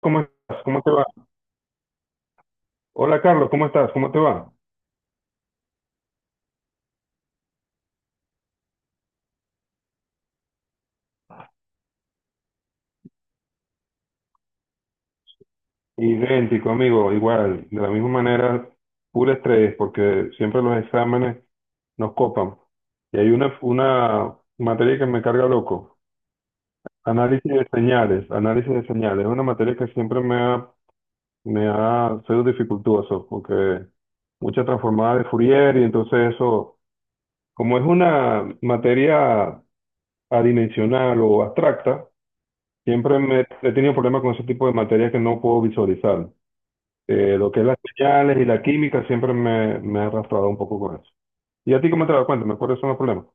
¿Cómo estás? ¿Cómo te va? Hola Carlos, ¿cómo estás? ¿Cómo te va? Idéntico, amigo, igual, de la misma manera, puro estrés, porque siempre los exámenes nos copan. Y hay una materia que me carga loco, análisis de señales, análisis de señales. Es una materia que me ha sido dificultoso, porque mucha transformada de Fourier, y entonces eso, como es una materia adimensional o abstracta, siempre me he tenido problemas con ese tipo de materias que no puedo visualizar. Lo que es las señales y la química me ha arrastrado un poco con eso. ¿Y a ti cómo te das cuenta? ¿Me acuerdo son los problemas?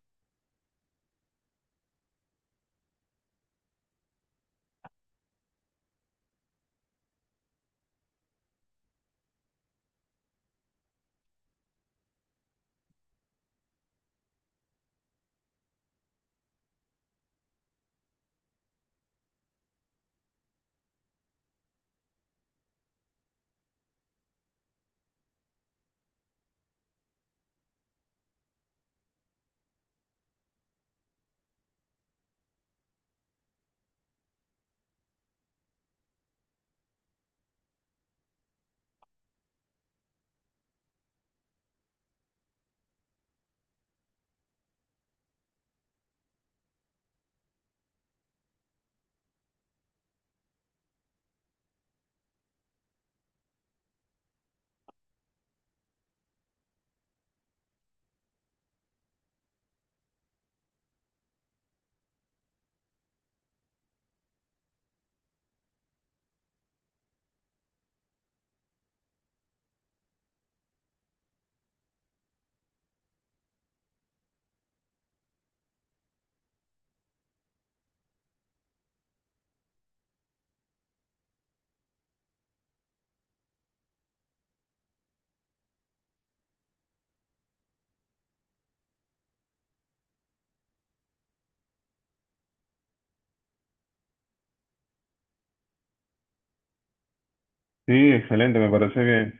Sí, excelente, me parece bien.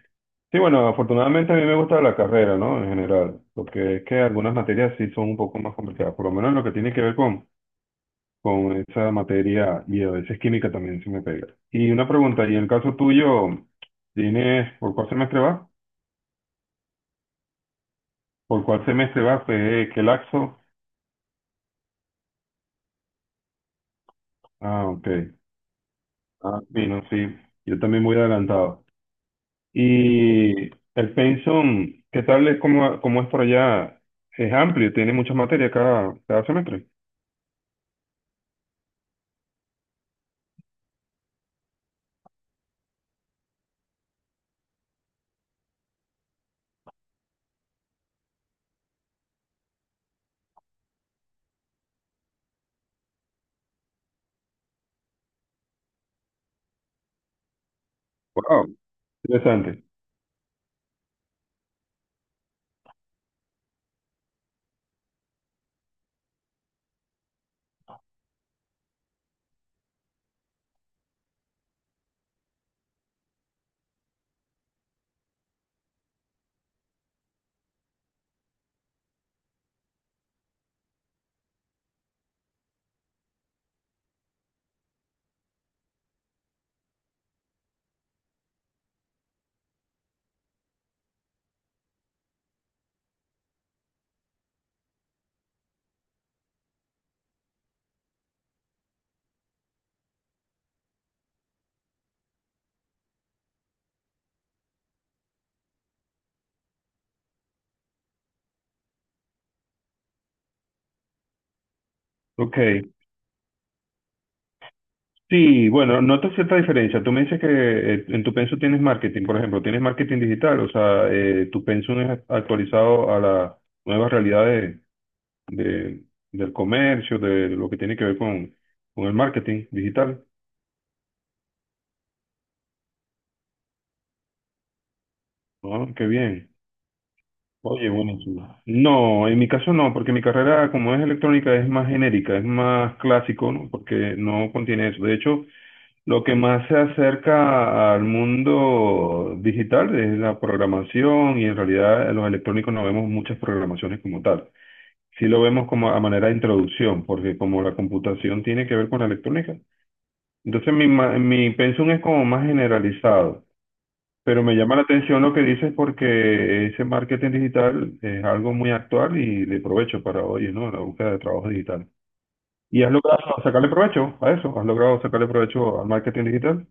Sí, bueno, afortunadamente a mí me gusta la carrera, ¿no? En general, porque es que algunas materias sí son un poco más complicadas, por lo menos lo que tiene que ver con esa materia y a veces química también se me pega. Y una pregunta, ¿y en el caso tuyo, tienes, por cuál semestre vas? ¿Por cuál semestre vas? ¿Qué, qué laxo? Ah, ok. Ah, bueno, sí. Yo también voy adelantado. Y el pensum, ¿qué tal es cómo, cómo es por allá? Es amplio, tiene muchas materias cada semestre. Wow, interesante. Ok. Sí, bueno, noto cierta diferencia. Tú me dices que en tu pensum tienes marketing, por ejemplo, tienes marketing digital, o sea, tu pensum es actualizado a las nuevas realidades de- del comercio, de lo que tiene que ver con el marketing digital. Ah, qué bien. Oye, buenísimo. No, en mi caso no, porque mi carrera como es electrónica es más genérica, es más clásico, ¿no? Porque no contiene eso. De hecho, lo que más se acerca al mundo digital es la programación y en realidad en los electrónicos no vemos muchas programaciones como tal. Sí lo vemos como a manera de introducción, porque como la computación tiene que ver con la electrónica, entonces mi pensum es como más generalizado. Pero me llama la atención lo que dices porque ese marketing digital es algo muy actual y de provecho para hoy, ¿no? La búsqueda de trabajo digital. ¿Y has logrado sacarle provecho a eso? ¿Has logrado sacarle provecho al marketing digital?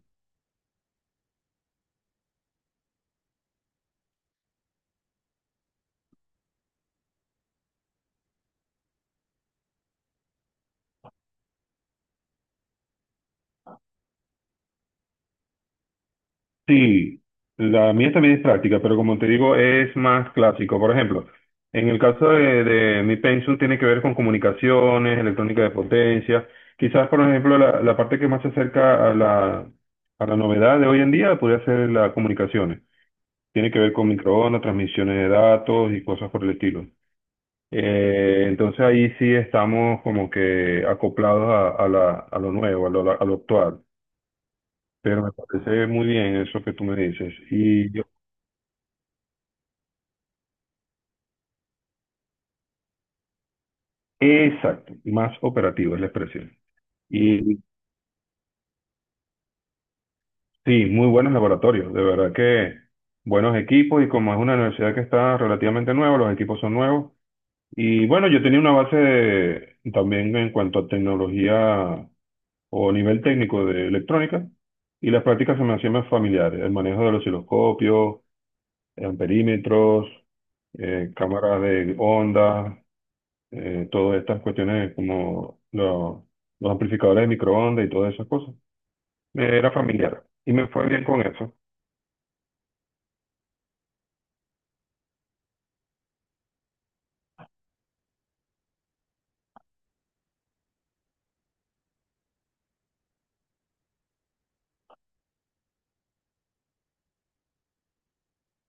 Sí, la mía también es práctica, pero como te digo, es más clásico. Por ejemplo, en el caso de mi pensum tiene que ver con comunicaciones, electrónica de potencia. Quizás, por ejemplo, la parte que más se acerca a a la novedad de hoy en día podría ser las comunicaciones. Tiene que ver con microondas, transmisiones de datos y cosas por el estilo. Entonces ahí sí estamos como que acoplados a a lo nuevo, a lo actual. Pero me parece muy bien eso que tú me dices. Exacto, más operativo es la expresión. Y sí, muy buenos laboratorios, de verdad que buenos equipos y como es una universidad que está relativamente nueva, los equipos son nuevos. Y bueno, yo tenía una base también en cuanto a tecnología o nivel técnico de electrónica, y las prácticas se me hacían más familiares, el manejo de los osciloscopios, amperímetros, cámaras de ondas, todas estas cuestiones como los amplificadores de microondas y todas esas cosas. Me era familiar y me fue bien con eso.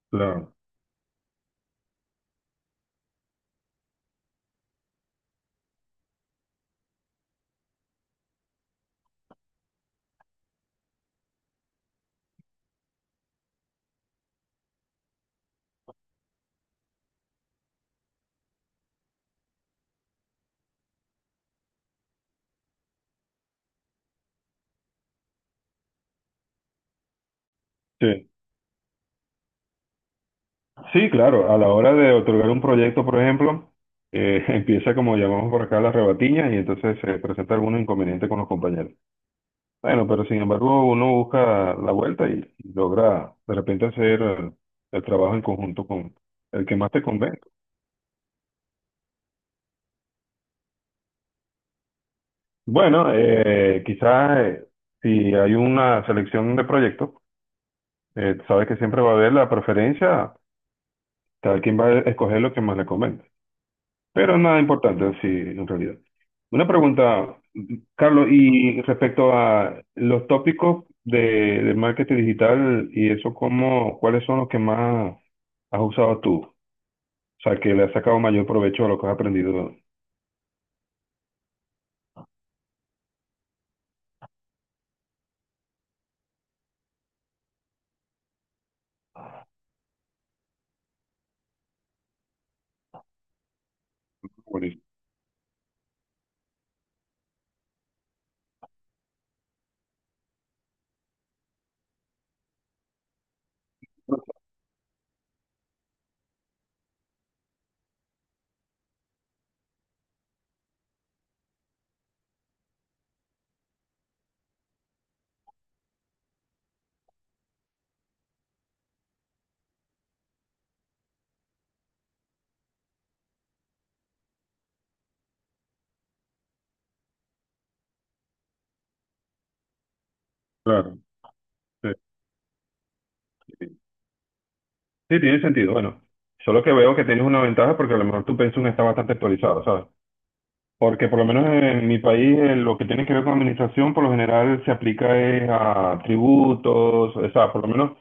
Claro. Sí. Sí, claro, a la hora de otorgar un proyecto, por ejemplo, empieza como llamamos por acá la rebatiña y entonces se presenta algún inconveniente con los compañeros. Bueno, pero sin embargo uno busca la vuelta y logra de repente hacer el trabajo en conjunto con el que más te convenga. Bueno, quizás si hay una selección de proyectos, sabes que siempre va a haber la preferencia, cada quien va a escoger lo que más le convenga. Pero nada importante, sí, en realidad. Una pregunta, Carlos, y respecto a los tópicos de marketing digital y eso, ¿cómo, cuáles son los que más has usado tú? O sea, que le has sacado mayor provecho a lo que has aprendido. Buenísimo. Claro. Sí. Sí, tiene sentido. Bueno, solo que veo que tienes una ventaja porque a lo mejor tu pensum está bastante actualizado, ¿sabes? Porque por lo menos en mi país lo que tiene que ver con administración por lo general se aplica es a tributos, o sea, por lo menos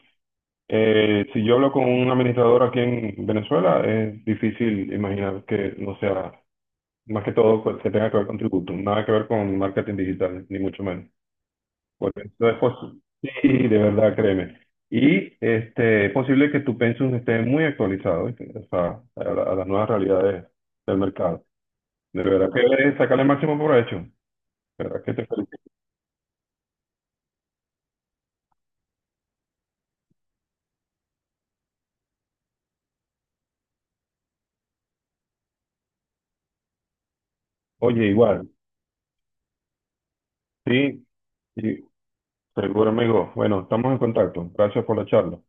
si yo hablo con un administrador aquí en Venezuela es difícil imaginar que no sea, más que todo pues, que tenga que ver con tributos, nada que ver con marketing digital, ni mucho menos. Por eso es posi- Sí, de verdad, créeme. Y este, es posible que tu pensum esté muy actualizado, ¿viste? O sea, a las nuevas realidades del mercado. De verdad que debes sacarle el máximo provecho. De verdad que te felicito. Oye, igual, sí, sí, seguro, amigo. Bueno, estamos en contacto. Gracias por la charla.